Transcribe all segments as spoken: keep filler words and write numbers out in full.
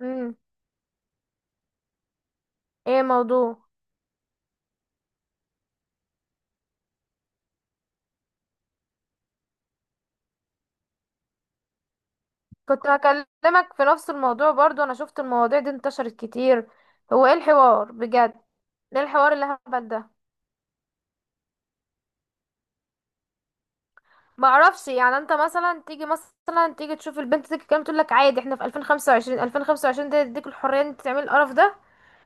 امم ايه موضوع؟ كنت هكلمك في نفس الموضوع برضو، انا شفت المواضيع دي انتشرت كتير. هو ايه الحوار بجد؟ ايه الحوار اللي هبل ده؟ ما اعرفش، يعني انت مثلا تيجي مثلا تيجي تشوف البنت دي تتكلم، تقول لك عادي احنا في ألفين وخمسة وعشرين، ألفين وخمسة وعشرين ده يديك الحريه ان انت تعمل القرف ده.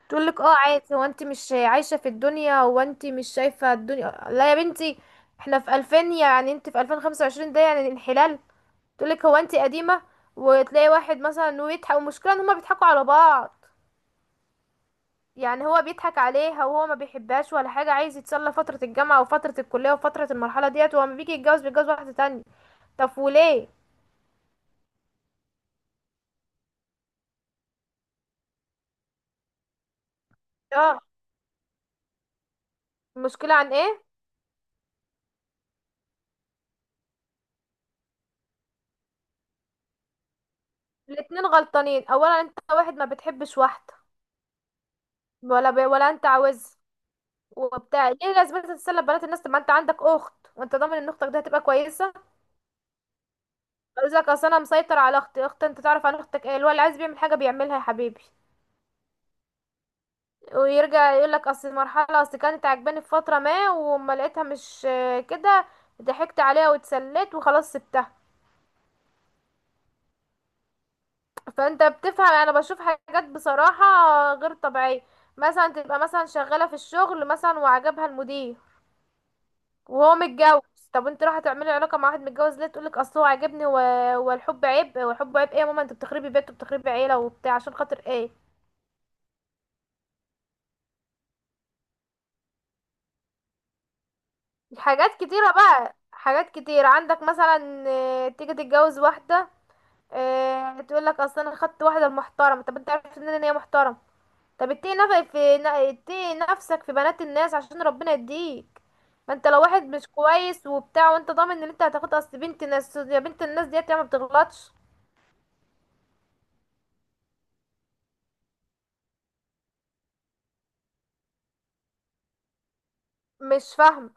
تقول لك اه عادي، هو انت مش عايشه في الدنيا؟ هو انت مش شايفه الدنيا؟ لا يا بنتي، احنا في ألفين؟ يعني انت في ألفين وخمسة وعشرين ده يعني انحلال. تقولك هو انتي قديمة. وتلاقي واحد مثلا ويضحك، والمشكلة ان هما بيضحكوا على بعض. يعني هو بيضحك عليها وهو ما بيحبهاش ولا حاجة، عايز يتسلى فترة الجامعة وفترة الكلية وفترة المرحلة ديت، وهو لما بيجي يتجوز بيتجوز واحدة تانية. طب وليه؟ اه. المشكلة عن ايه؟ الاتنين غلطانين. اولا انت واحد ما بتحبش واحدة ولا بي ولا انت عاوز وبتاع، ليه لازم انت تتسلى ببنات الناس؟ طب ما انت عندك اخت، وانت ضامن ان اختك دي هتبقى كويسة؟ قال لك اصل انا مسيطر على اختي. اخت؟ انت تعرف عن اختك ايه؟ اللي هو اللي عايز بيعمل حاجة بيعملها يا حبيبي. ويرجع يقولك اصل المرحله، اصل كانت عجباني في فتره ما وما لقيتها، مش آه، كده. ضحكت عليها واتسليت وخلاص سبتها. فانت بتفهم، انا بشوف حاجات بصراحه غير طبيعيه. مثلا تبقى مثلا شغاله في الشغل مثلا وعجبها المدير وهو متجوز. طب انت رايحه تعملي علاقه مع واحد متجوز ليه؟ تقولك اصل هو عاجبني و- والحب عيب. والحب عيب ايه يا ماما؟ انت بتخربي بيت وبتخربي عيله وبتاع عشان خاطر ايه؟ حاجات كتيره بقى، حاجات كتير عندك. مثلا آه، تيجي تتجوز واحده، آه تقول لك اصل انا خدت واحده محترمه. طب انت عرفت منين ان هي محترمه؟ طب اتقي نف- في ن- اتقي نفسك في بنات الناس عشان ربنا يديك. ما انت لو واحد مش كويس وبتاع، وانت ضامن ان انت هتاخد اصل بنت ناس؟ يا بنت الناس ديت يا ما بتغلطش. مش فاهم،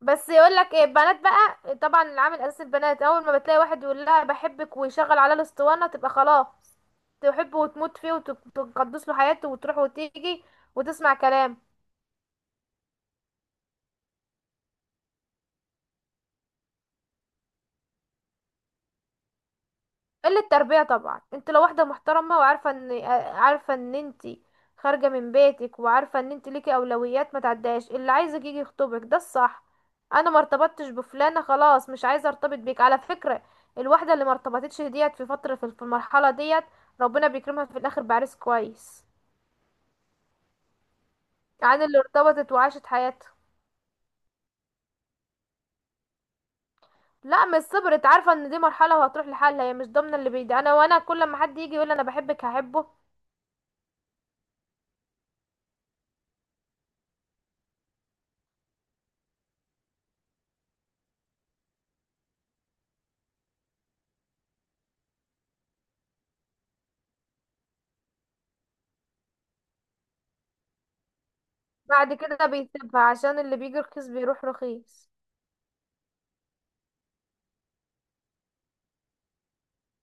بس يقول لك ايه البنات؟ بقى طبعا العامل الاساسي البنات، اول ما بتلاقي واحد يقول لها بحبك ويشغل على الاسطوانه تبقى خلاص، تحبه وتموت فيه وتقدس له حياته وتروح وتيجي وتسمع كلامه. قلة تربية طبعا. انت لو واحدة محترمة وعارفة ان آه، عارفة ان انت خارجة من بيتك وعارفة ان انت ليكي اولويات، ما تعداش. اللي عايزك يجي يخطبك ده الصح. انا ما ارتبطتش بفلانة، خلاص مش عايزة ارتبط بيك على فكرة. الواحدة اللي ما ارتبطتش ديت في فترة، في في المرحلة ديت، ربنا بيكرمها في الاخر بعريس كويس، عن اللي ارتبطت وعاشت حياتها. لا مش صبرت، عارفة ان دي مرحلة وهتروح لحالها. هي مش ضامنة اللي بيدي انا، وانا كل ما حد يجي يقول انا بحبك هحبه؟ بعد كده بيسيبها، عشان اللي بيجي رخيص بيروح رخيص.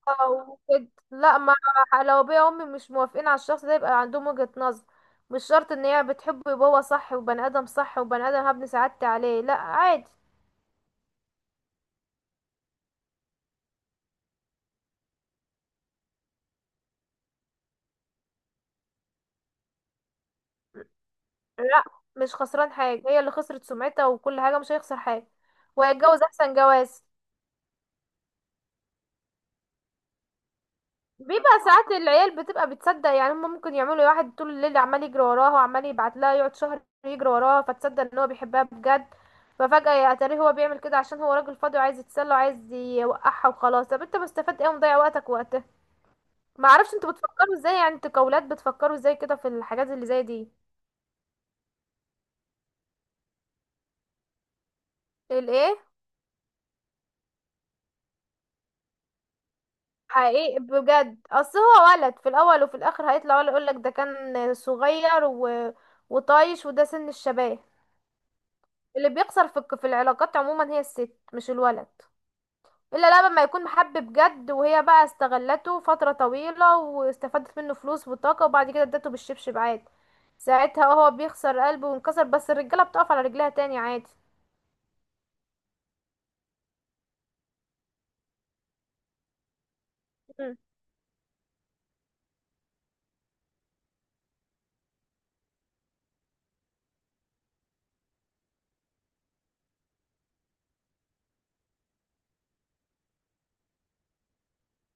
او كده لا ما. لو بيا امي مش موافقين على الشخص ده، يبقى عندهم وجهة نظر. مش شرط ان هي بتحبه يبقى هو صح، وبني ادم صح وبني ادم هبني سعادتي عليه، لا عادي. لا مش خسران حاجة، هي اللي خسرت سمعتها وكل حاجة، مش هيخسر حاجة وهيتجوز احسن جواز. بيبقى ساعات العيال بتبقى بتصدق، يعني هم ممكن يعملوا واحد طول الليل عمال يجري وراها وعمال يبعت لها، يقعد شهر يجري وراها فتتصدق ان هو بيحبها بجد. ففجأة يا ترى هو بيعمل كده عشان هو راجل فاضي وعايز يتسلى وعايز يوقعها وخلاص. طب انت مستفاد ايه؟ ومضيع وقتك وقتها. ما اعرفش انتوا بتفكروا ازاي، يعني انتوا كاولاد بتفكروا ازاي كده في الحاجات اللي زي دي؟ الايه؟ حقيقي بجد. اصل هو ولد في الاول وفي الاخر، هيطلع ولا يقولك ده كان صغير و... وطايش وده سن الشباب. اللي بيخسر في الك- في العلاقات عموما هي الست مش الولد. الا لما ما يكون محب بجد وهي بقى استغلته فترة طويلة واستفادت منه فلوس وطاقة وبعد كده ادته بالشبشب عادي. ساعتها هو بيخسر قلبه وانكسر، بس الرجالة بتقف على رجلها تاني عادي. مم.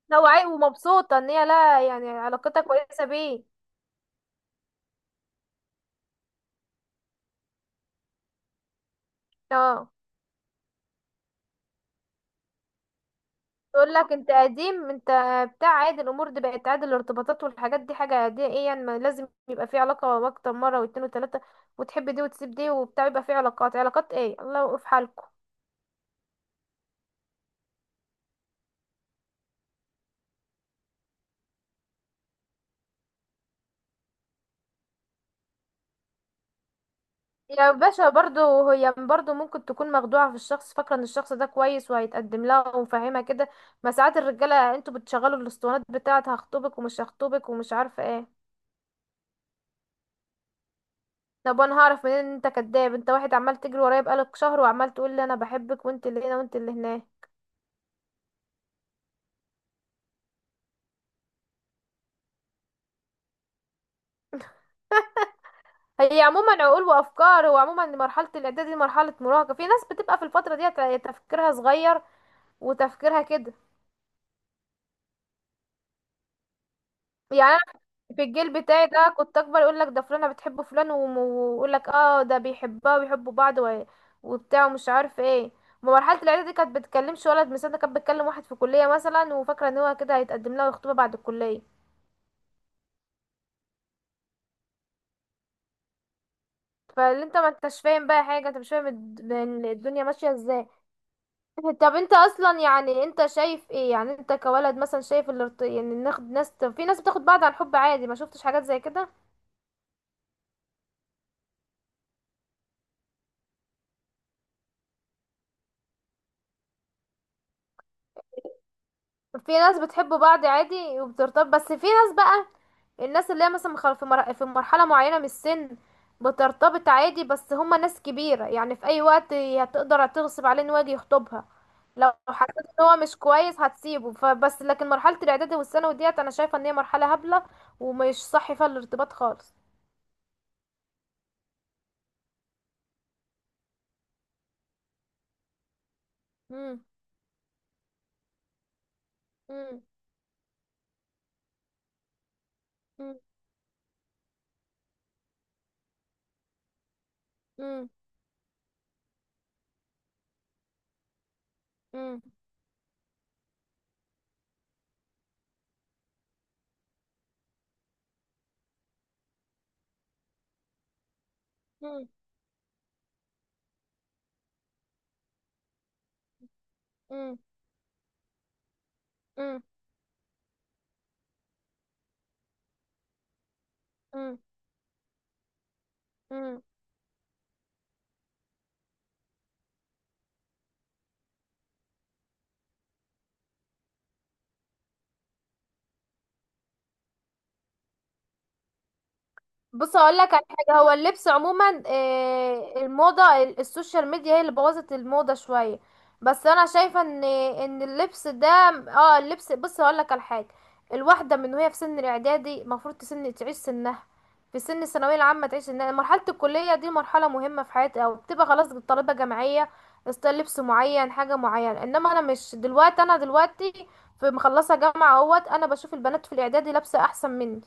لو عاي ومبسوطة ان هي، لا يعني علاقتها كويسة بيه. اه. تقول لك انت قديم، انت بتاع. عادي الامور دي، بقت عادي الارتباطات والحاجات دي، حاجه عاديه. ايه يعني ما لازم يبقى في علاقه اكتر، مره واتنين وتلاته وتحب دي وتسيب دي وبتاع، يبقى في علاقات علاقات؟ ايه، الله يوقف حالكم. يا باشا برضو هي برضو ممكن تكون مخدوعه في الشخص، فاكره ان الشخص ده كويس وهيتقدم لها ومفهمها كده. ما ساعات الرجاله انتوا بتشغلوا الاسطوانات بتاعت هخطبك ومش هخطبك ومش عارفه ايه. طب انا هعرف منين ان انت كداب؟ انت واحد عمال تجري ورايا بقالك شهر، وعمال تقول لي انا بحبك وانت اللي هنا وانت اللي هناك. هي عموما عقول وافكار، وعموما مرحله الاعداد دي مرحله مراهقه. في ناس بتبقى في الفتره دي تفكيرها صغير وتفكيرها كده. يعني انا في الجيل بتاعي ده كنت اكبر، يقول لك ده فلانه بتحب فلان وم- ويقول لك اه ده بيحبها وبيحبوا بعض و- وبتاع ومش عارف ايه. ما مرحله الاعداد دي كانت بتكلمش ولد مثلا، ده كانت بتكلم واحد في كليه مثلا، وفاكره ان هو كده هيتقدم لها ويخطبها بعد الكليه. فاللي انت ما انتش فاهم بقى حاجه، انت مش فاهم الد- الدنيا ماشيه ازاي. طب انت اصلا، يعني انت شايف ايه؟ يعني انت كولد مثلا شايف اللي يعني ناخد ناس، طب في ناس بتاخد بعض عن حب عادي، ما شفتش حاجات زي كده؟ في ناس بتحب بعض عادي وبترتبط، بس في ناس بقى، الناس اللي هي مثلا مخ- في مر... في مرحلة معينة من السن بترتبط عادي، بس هما ناس كبيرة. يعني في اي وقت هتقدر تغصب عليه ان هو يجي يخطبها. لو حسيت ان هو مش كويس هتسيبه فبس. لكن مرحلة الاعدادي والثانوي ديت انا شايفة ان هي مرحلة هبلة، ومش صح فيها الارتباط خالص. مم. مم. مم، مم، مم، مم، مم، مم، بص اقول لك على حاجه. هو اللبس عموما آه، الموضه، ال- السوشيال ميديا هي اللي بوظت الموضه شويه. بس انا شايفه ان ان اللبس ده، اه اللبس بص هقول لك على حاجه. الواحده من وهي في سن الاعدادي المفروض تسن تعيش سنها، في سن الثانويه العامه تعيش سنها، مرحله الكليه دي مرحله مهمه في حياتي او بتبقى خلاص طالبه جامعيه استايل لبس معين حاجه معينه. انما انا مش دلوقتي، انا دلوقتي في مخلصه جامعه اهوت، انا بشوف البنات في الاعدادي لابسه احسن مني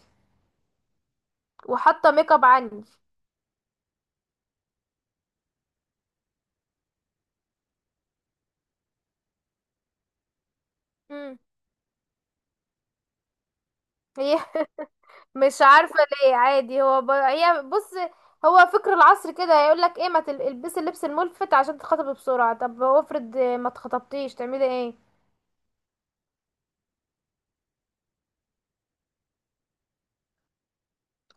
وحاطه ميك اب عني. مم. هي مش عارفة. ليه عادي؟ هو ب... هي بص، هو فكر العصر كده. هيقول لك ايه؟ ما تل- البسي اللبس الملفت عشان تتخطبي بسرعة. طب وافرض ما اتخطبتيش تعملي ايه؟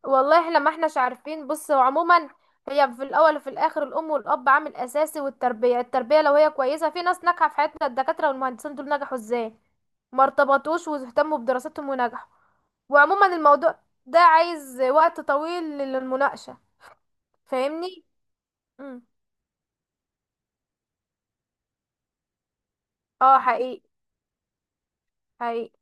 والله احنا ما احناش عارفين. بص هو عموما، هي في الاول وفي الاخر الام والاب عامل اساسي، والتربية. التربية لو هي كويسة، في ناس ناجحة في حياتنا الدكاترة والمهندسين دول نجحوا ازاي؟ ما ارتبطوش واهتموا بدراستهم ونجحوا. وعموما الموضوع ده عايز وقت طويل للمناقشة. فاهمني؟ مم. اه حقيقي. حقيقي.